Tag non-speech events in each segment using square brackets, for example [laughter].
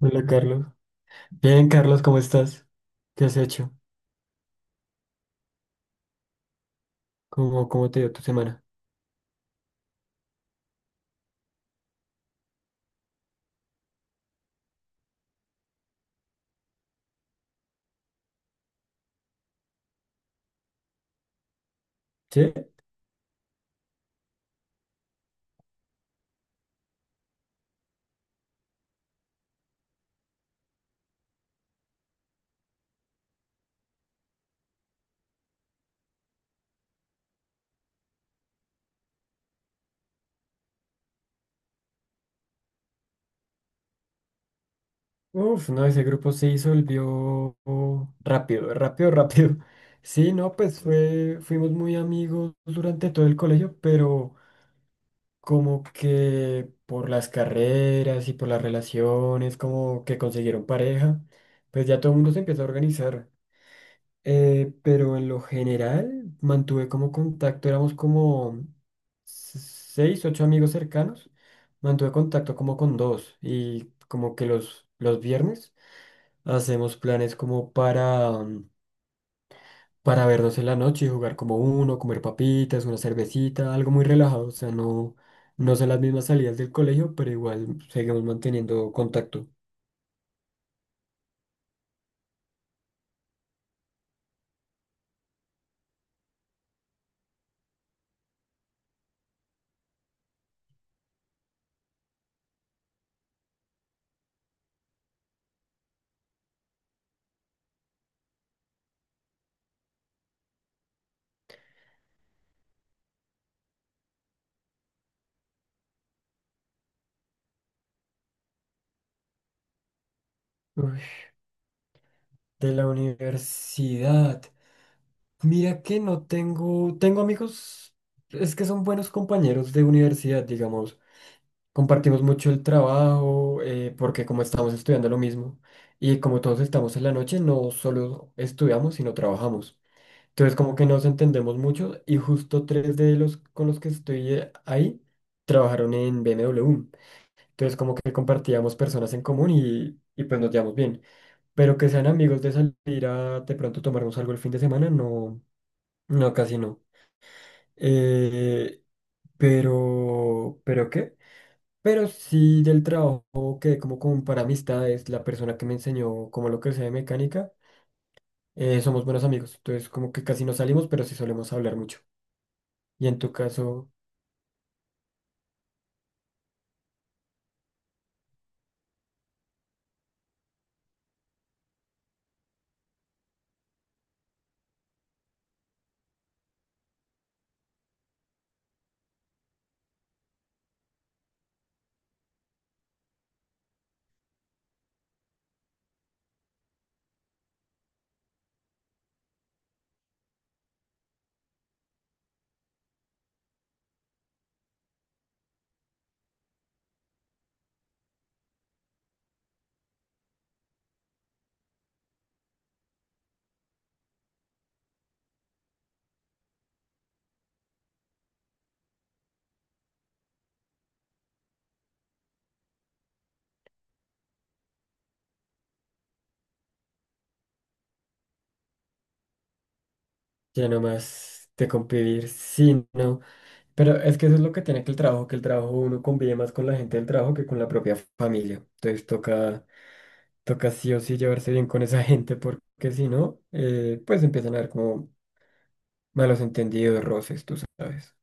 Hola Carlos. Bien, Carlos, ¿cómo estás? ¿Qué has hecho? ¿Cómo te dio tu semana? ¿Sí? Uf, no, ese grupo se disolvió rápido, rápido, [laughs] rápido. Sí, no, fuimos muy amigos durante todo el colegio, pero como que por las carreras y por las relaciones, como que consiguieron pareja, pues ya todo el mundo se empieza a organizar. Pero en lo general mantuve como contacto, éramos como seis, ocho amigos cercanos, mantuve contacto como con dos y como que los viernes hacemos planes como para, para vernos en la noche y jugar como uno, comer papitas, una cervecita, algo muy relajado, o sea, no, no son las mismas salidas del colegio, pero igual seguimos manteniendo contacto. Uy, de la universidad. Mira que no tengo, tengo amigos, es que son buenos compañeros de universidad, digamos, compartimos mucho el trabajo, porque como estamos estudiando lo mismo y como todos estamos en la noche, no solo estudiamos, sino trabajamos. Entonces como que nos entendemos mucho y justo tres de los con los que estoy ahí trabajaron en BMW. Entonces como que compartíamos personas en común y pues nos llevamos bien. Pero que sean amigos de salir a de pronto tomarnos algo el fin de semana, no, no, casi no. Eh, pero, ¿pero qué? Pero sí del trabajo que como con para amistades, la persona que me enseñó como lo que sea de mecánica, somos buenos amigos. Entonces como que casi no salimos, pero sí solemos hablar mucho. Y en tu caso, ya nomás de convivir, sí, no. Pero es que eso es lo que tiene que el trabajo uno convive más con la gente del trabajo que con la propia familia. Entonces toca, toca sí o sí llevarse bien con esa [laughs] gente, porque si no, pues empiezan a ver como malos entendidos, roces, tú sabes.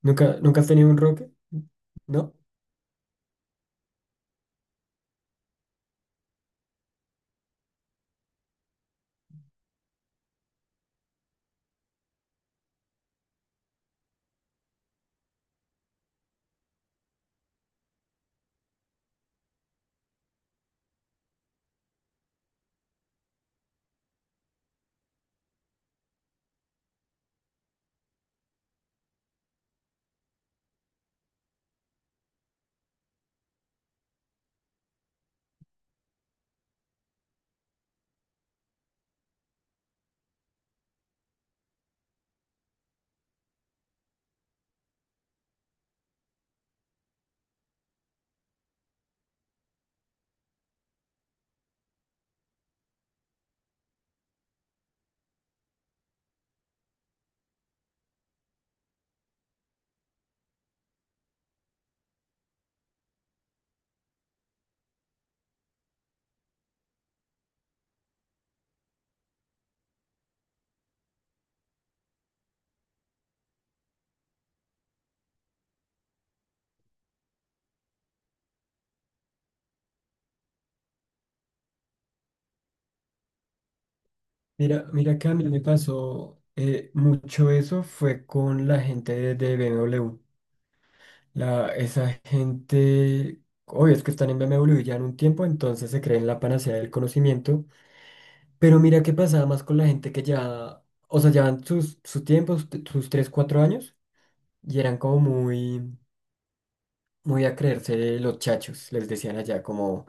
¿Nunca has tenido un roque? ¿No? Mira, mira que a mí me pasó mucho eso fue con la gente de BMW. La, esa gente, obvio es que están en BMW ya en un tiempo, entonces se creen la panacea del conocimiento. Pero mira qué pasaba más con la gente que ya, o sea, llevan sus, su tiempo, sus 3 4 años, y eran como muy... muy a creerse los chachos, les decían allá, como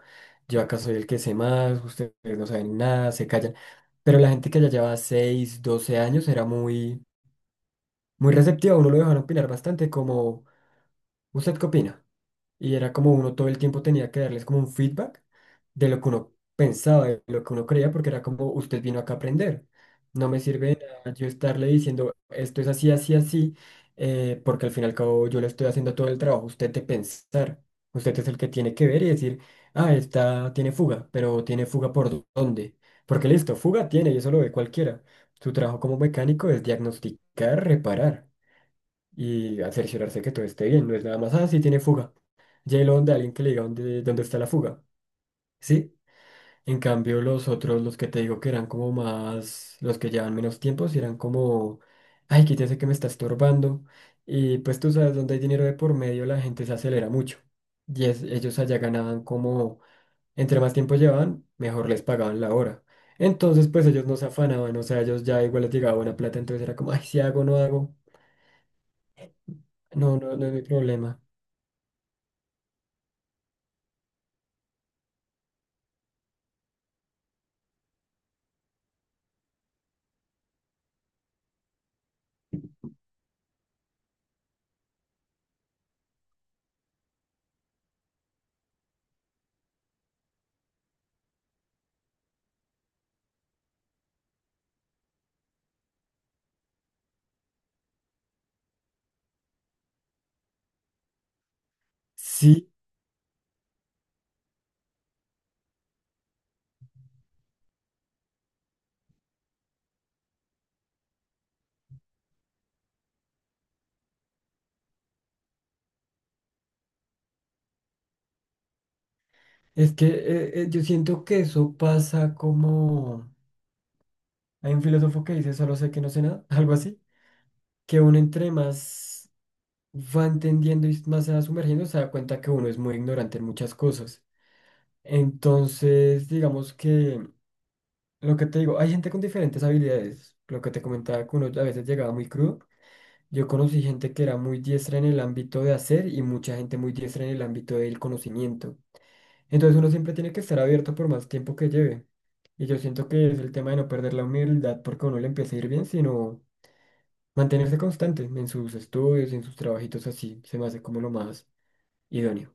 yo acá soy el que sé más, ustedes no saben nada, se callan. Pero la gente que ya llevaba 6 12 años era muy, muy receptiva, uno lo dejaban opinar bastante, como, ¿usted qué opina? Y era como uno todo el tiempo tenía que darles como un feedback de lo que uno pensaba, de lo que uno creía, porque era como, usted vino acá a aprender. No me sirve de nada yo estarle diciendo, esto es así, así, así, porque al fin y al cabo yo le estoy haciendo todo el trabajo, usted de pensar. Usted es el que tiene que ver y decir, ah, esta tiene fuga, pero tiene fuga por dónde. Porque listo, fuga tiene y eso lo ve cualquiera. Su trabajo como mecánico es diagnosticar, reparar y a cerciorarse que todo esté bien. No es nada más, ah, sí tiene fuga. J-Lo de alguien que le diga dónde está la fuga. Sí. En cambio, los otros, los que te digo que eran como más, los que llevan menos tiempo, sí eran como, ay, quítese que me está estorbando. Y pues tú sabes, donde hay dinero de por medio, la gente se acelera mucho. Ellos allá ganaban como, entre más tiempo llevaban, mejor les pagaban la hora. Entonces, pues ellos no se afanaban, o sea, ellos ya igual les llegaba buena plata, entonces era como, ay, si hago, no hago, no, no, no es mi problema. Sí. Es que yo siento que eso pasa como... Hay un filósofo que dice, solo sé que no sé nada, [laughs] algo así, que uno entre más va entendiendo y más se va sumergiendo, se da cuenta que uno es muy ignorante en muchas cosas. Entonces, digamos que lo que te digo, hay gente con diferentes habilidades. Lo que te comentaba, que uno a veces llegaba muy crudo. Yo conocí gente que era muy diestra en el ámbito de hacer y mucha gente muy diestra en el ámbito del conocimiento. Entonces uno siempre tiene que estar abierto por más tiempo que lleve. Y yo siento que es el tema de no perder la humildad porque a uno le empieza a ir bien, sino mantenerse constante en sus estudios, en sus trabajitos así, se me hace como lo más idóneo.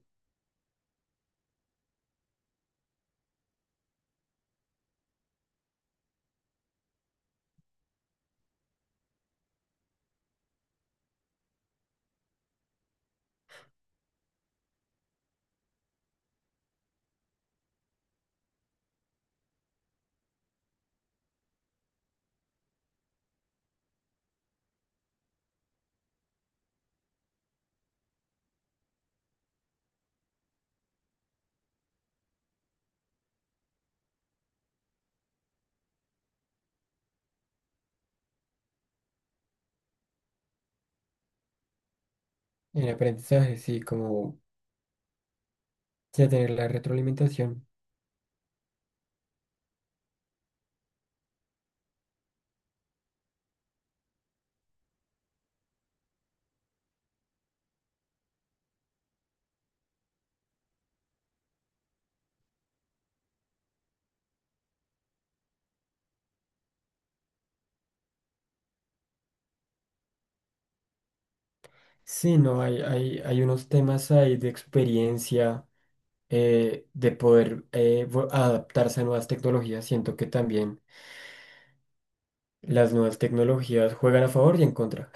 En aprendizaje, sí, como ya tener la retroalimentación. Sí, no, hay unos temas ahí de experiencia, de poder adaptarse a nuevas tecnologías. Siento que también las nuevas tecnologías juegan a favor y en contra.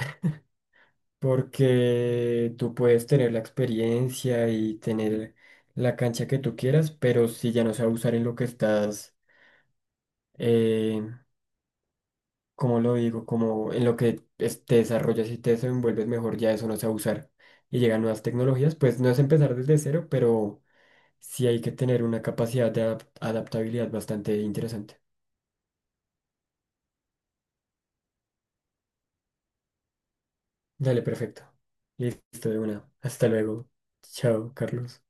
Porque tú puedes tener la experiencia y tener la cancha que tú quieras, pero si ya no sabes usar en lo que estás, eh, ¿cómo lo digo? Como en lo que te desarrollas y te desenvuelves mejor, ya eso no sabe usar. Y llegan nuevas tecnologías, pues no es empezar desde cero, pero sí hay que tener una capacidad de adaptabilidad bastante interesante. Dale, perfecto. Listo de una. Hasta luego. Chao, Carlos.